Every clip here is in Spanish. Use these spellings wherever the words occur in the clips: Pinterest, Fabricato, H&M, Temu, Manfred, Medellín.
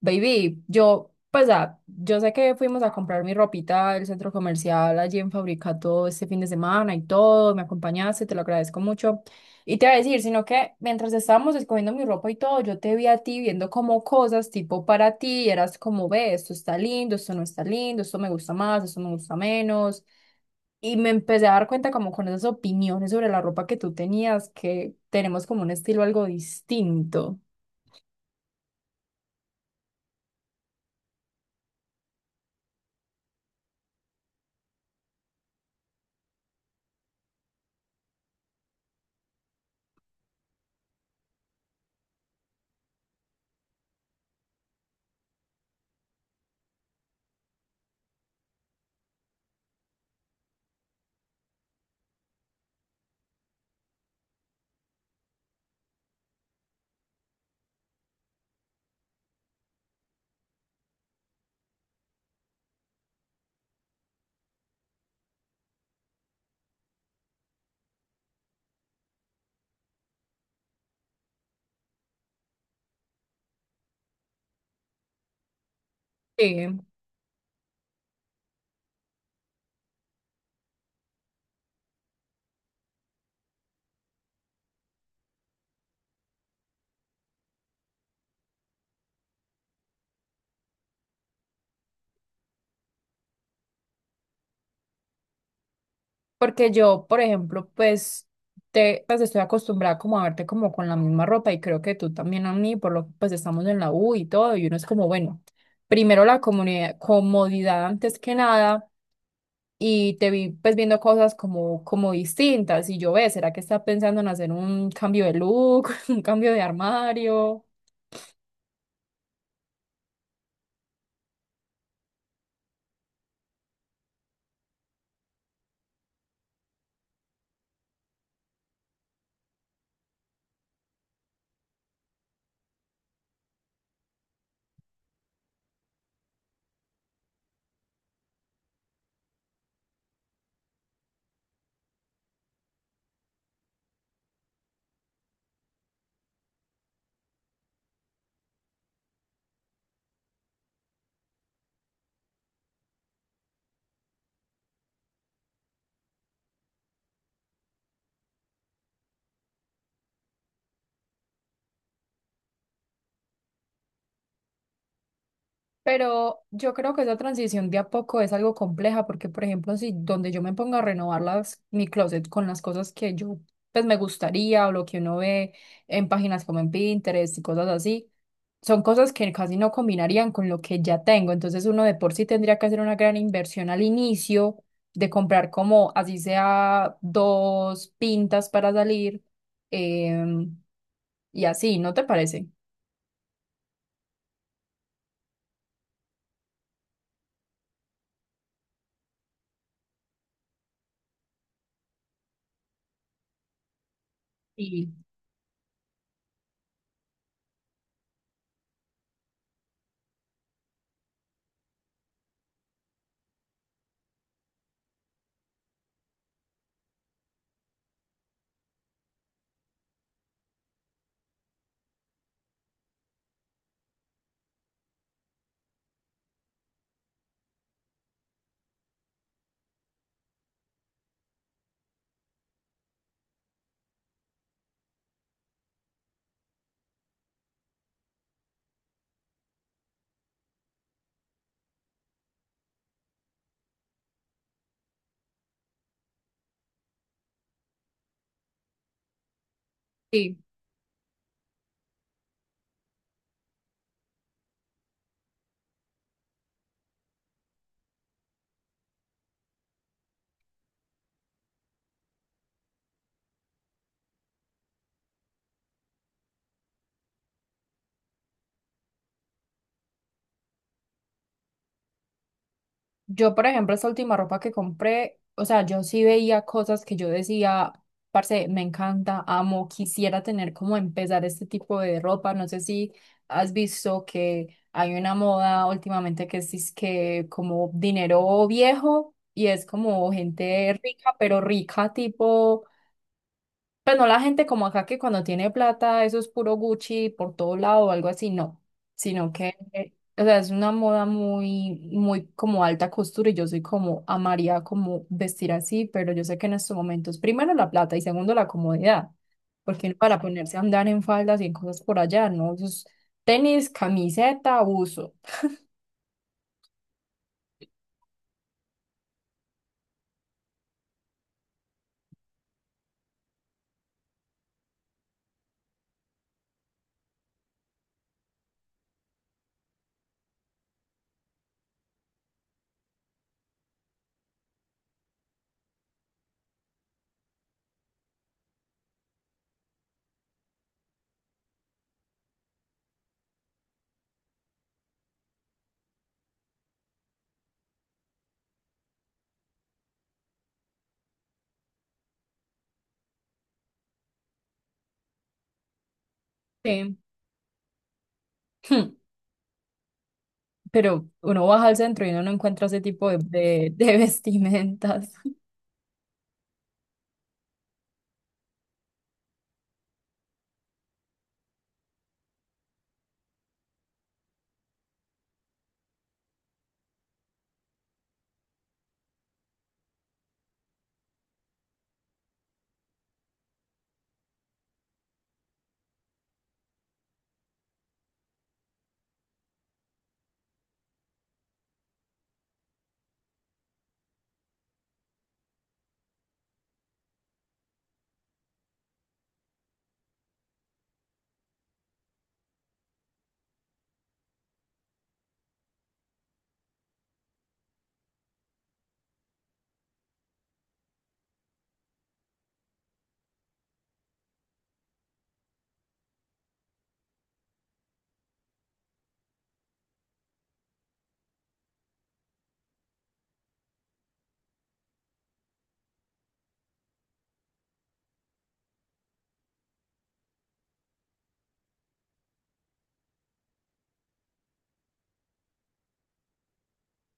Baby, yo, pues, yo sé que fuimos a comprar mi ropita del centro comercial allí en Fabricato este fin de semana y todo, me acompañaste, te lo agradezco mucho. Y te voy a decir, sino que mientras estábamos escogiendo mi ropa y todo, yo te vi a ti viendo como cosas tipo para ti, y eras como, ve, esto está lindo, esto no está lindo, esto me gusta más, esto me gusta menos. Y me empecé a dar cuenta como con esas opiniones sobre la ropa que tú tenías, que tenemos como un estilo algo distinto. Sí. Porque yo, por ejemplo, pues, te, pues estoy acostumbrada como a verte como con la misma ropa y creo que tú también a mí, por lo que pues estamos en la U y todo, y uno es como, bueno, primero la comodidad, comodidad antes que nada y te vi pues viendo cosas como, como distintas y yo ve, ¿será que está pensando en hacer un cambio de look, un cambio de armario? Pero yo creo que esa transición de a poco es algo compleja porque, por ejemplo, si donde yo me ponga a renovar las, mi closet con las cosas que yo pues me gustaría o lo que uno ve en páginas como en Pinterest y cosas así, son cosas que casi no combinarían con lo que ya tengo. Entonces uno de por sí tendría que hacer una gran inversión al inicio de comprar como así sea dos pintas para salir em, y así, ¿no te parece? Sí. Sí. Yo, por ejemplo, esta última ropa que compré, o sea, yo sí veía cosas que yo decía, parce, me encanta, amo, quisiera tener como empezar este tipo de ropa. No sé si has visto que hay una moda últimamente que es que como dinero viejo y es como gente rica, pero rica tipo pues no la gente como acá que cuando tiene plata, eso es puro Gucci por todo lado o algo así, no. Sino que, o sea, es una moda muy, muy como alta costura y yo soy como amaría como vestir así, pero yo sé que en estos momentos, primero la plata y segundo la comodidad, porque uno para ponerse a andar en faldas y en cosas por allá, ¿no? Eso es tenis, camiseta, buzo. Sí. Pero uno baja al centro y uno no encuentra ese tipo de, de vestimentas.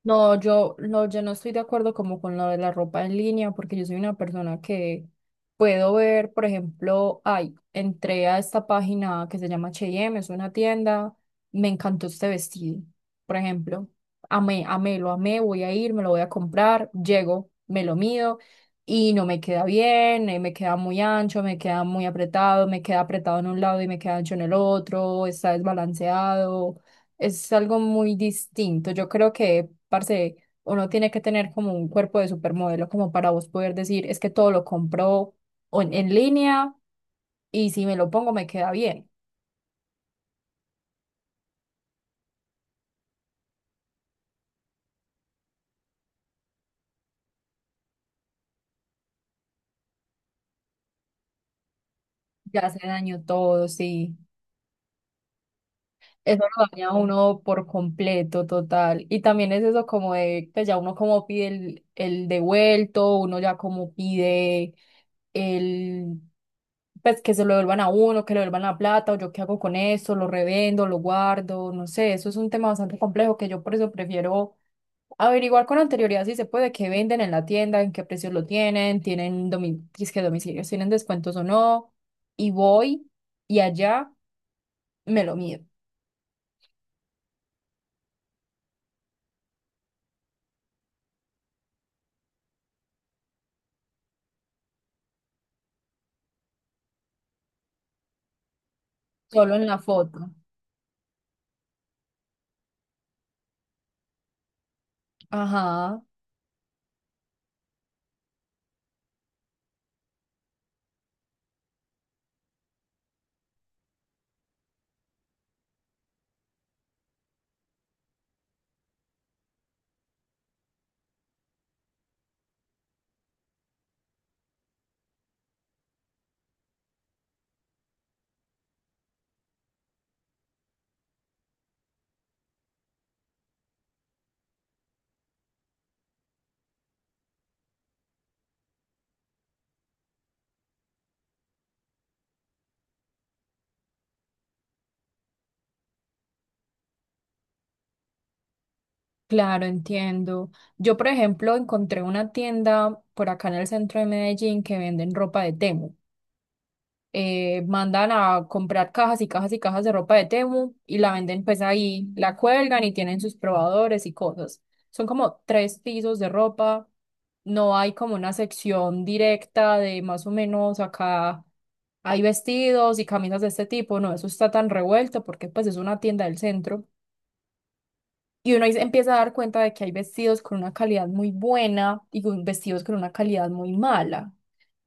No, yo no estoy de acuerdo como con lo de la ropa en línea, porque yo soy una persona que puedo ver, por ejemplo, ay, entré a esta página que se llama H&M, es una tienda, me encantó este vestido, por ejemplo, amé, amé, lo amé, voy a ir, me lo voy a comprar, llego, me lo mido y no me queda bien, me queda muy ancho, me queda muy apretado, me queda apretado en un lado y me queda ancho en el otro, está desbalanceado es algo muy distinto. Yo creo que, parce, uno tiene que tener como un cuerpo de supermodelo como para vos poder decir, es que todo lo compro en, línea y si me lo pongo me queda bien. Ya se dañó todo, sí. Eso lo daña a uno por completo, total. Y también es eso como de, pues ya uno como pide el devuelto, uno ya como pide el, pues que se lo devuelvan a uno, que le devuelvan la plata, o yo qué hago con eso, lo revendo, lo guardo, no sé, eso es un tema bastante complejo que yo por eso prefiero averiguar con anterioridad si se puede, qué venden en la tienda, en qué precios lo tienen, si es que domicilios, tienen descuentos o no, y voy y allá me lo mido. Solo en la foto. Ajá, claro, entiendo. Yo, por ejemplo, encontré una tienda por acá en el centro de Medellín que venden ropa de Temu. Mandan a comprar cajas y cajas y cajas de ropa de Temu y la venden pues ahí, la cuelgan y tienen sus probadores y cosas. Son como tres pisos de ropa. No hay como una sección directa de más o menos acá hay vestidos y camisas de este tipo. No, eso está tan revuelto porque pues es una tienda del centro. Y uno ahí se empieza a dar cuenta de que hay vestidos con una calidad muy buena y vestidos con una calidad muy mala.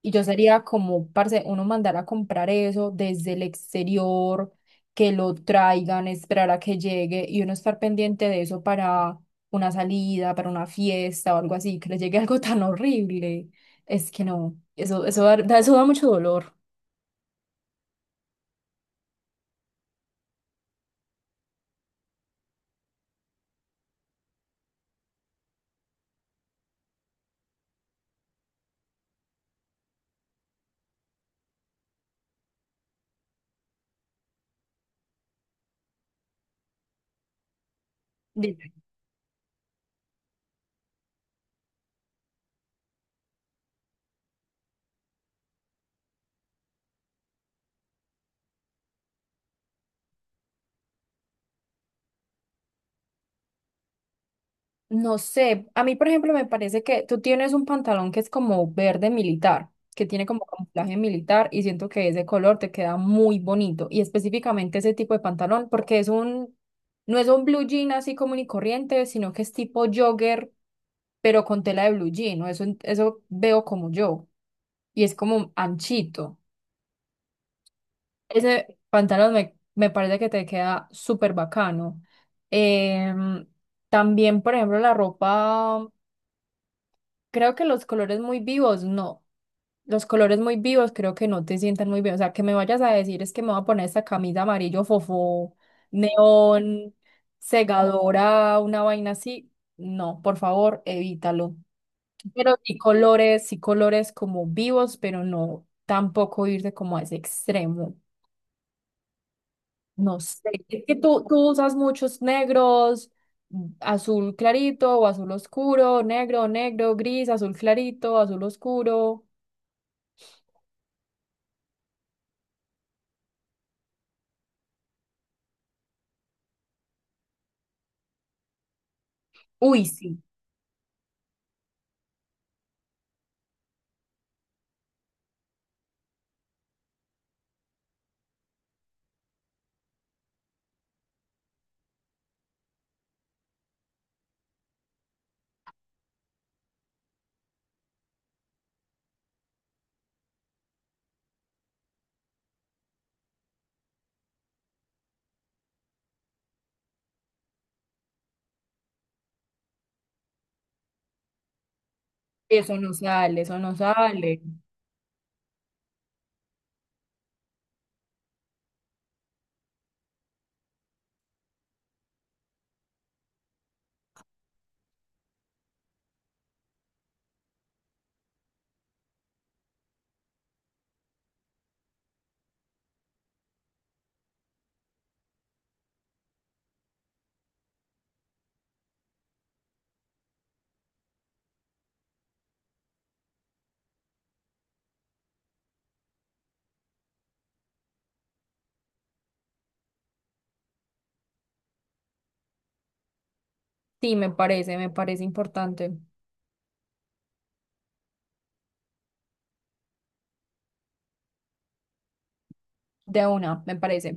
Y yo sería como, parce, uno mandar a comprar eso desde el exterior, que lo traigan, esperar a que llegue y uno estar pendiente de eso para una salida, para una fiesta o algo así, que le llegue algo tan horrible. Es que no, eso, eso da mucho dolor. No sé, a mí por ejemplo me parece que tú tienes un pantalón que es como verde militar, que tiene como camuflaje militar y siento que ese color te queda muy bonito y específicamente ese tipo de pantalón porque es un, no es un blue jean así común y corriente, sino que es tipo jogger, pero con tela de blue jean, ¿no? Eso veo como yo y es como anchito. Ese pantalón me parece que te queda súper bacano. Em, también, por ejemplo, la ropa. Creo que los colores muy vivos, no. Los colores muy vivos creo que no te sientan muy bien. O sea, que me vayas a decir es que me voy a poner esta camisa amarillo fofó, neón, segadora, una vaina así. No, por favor, evítalo. Pero sí colores como vivos, pero no tampoco irte como a ese extremo. No sé. Es que tú usas muchos negros, mm, azul clarito o azul oscuro, negro, negro, gris, azul clarito, azul oscuro. Uy, sí, eso no sale, eso no sale. Sí, me parece importante. De una, me parece.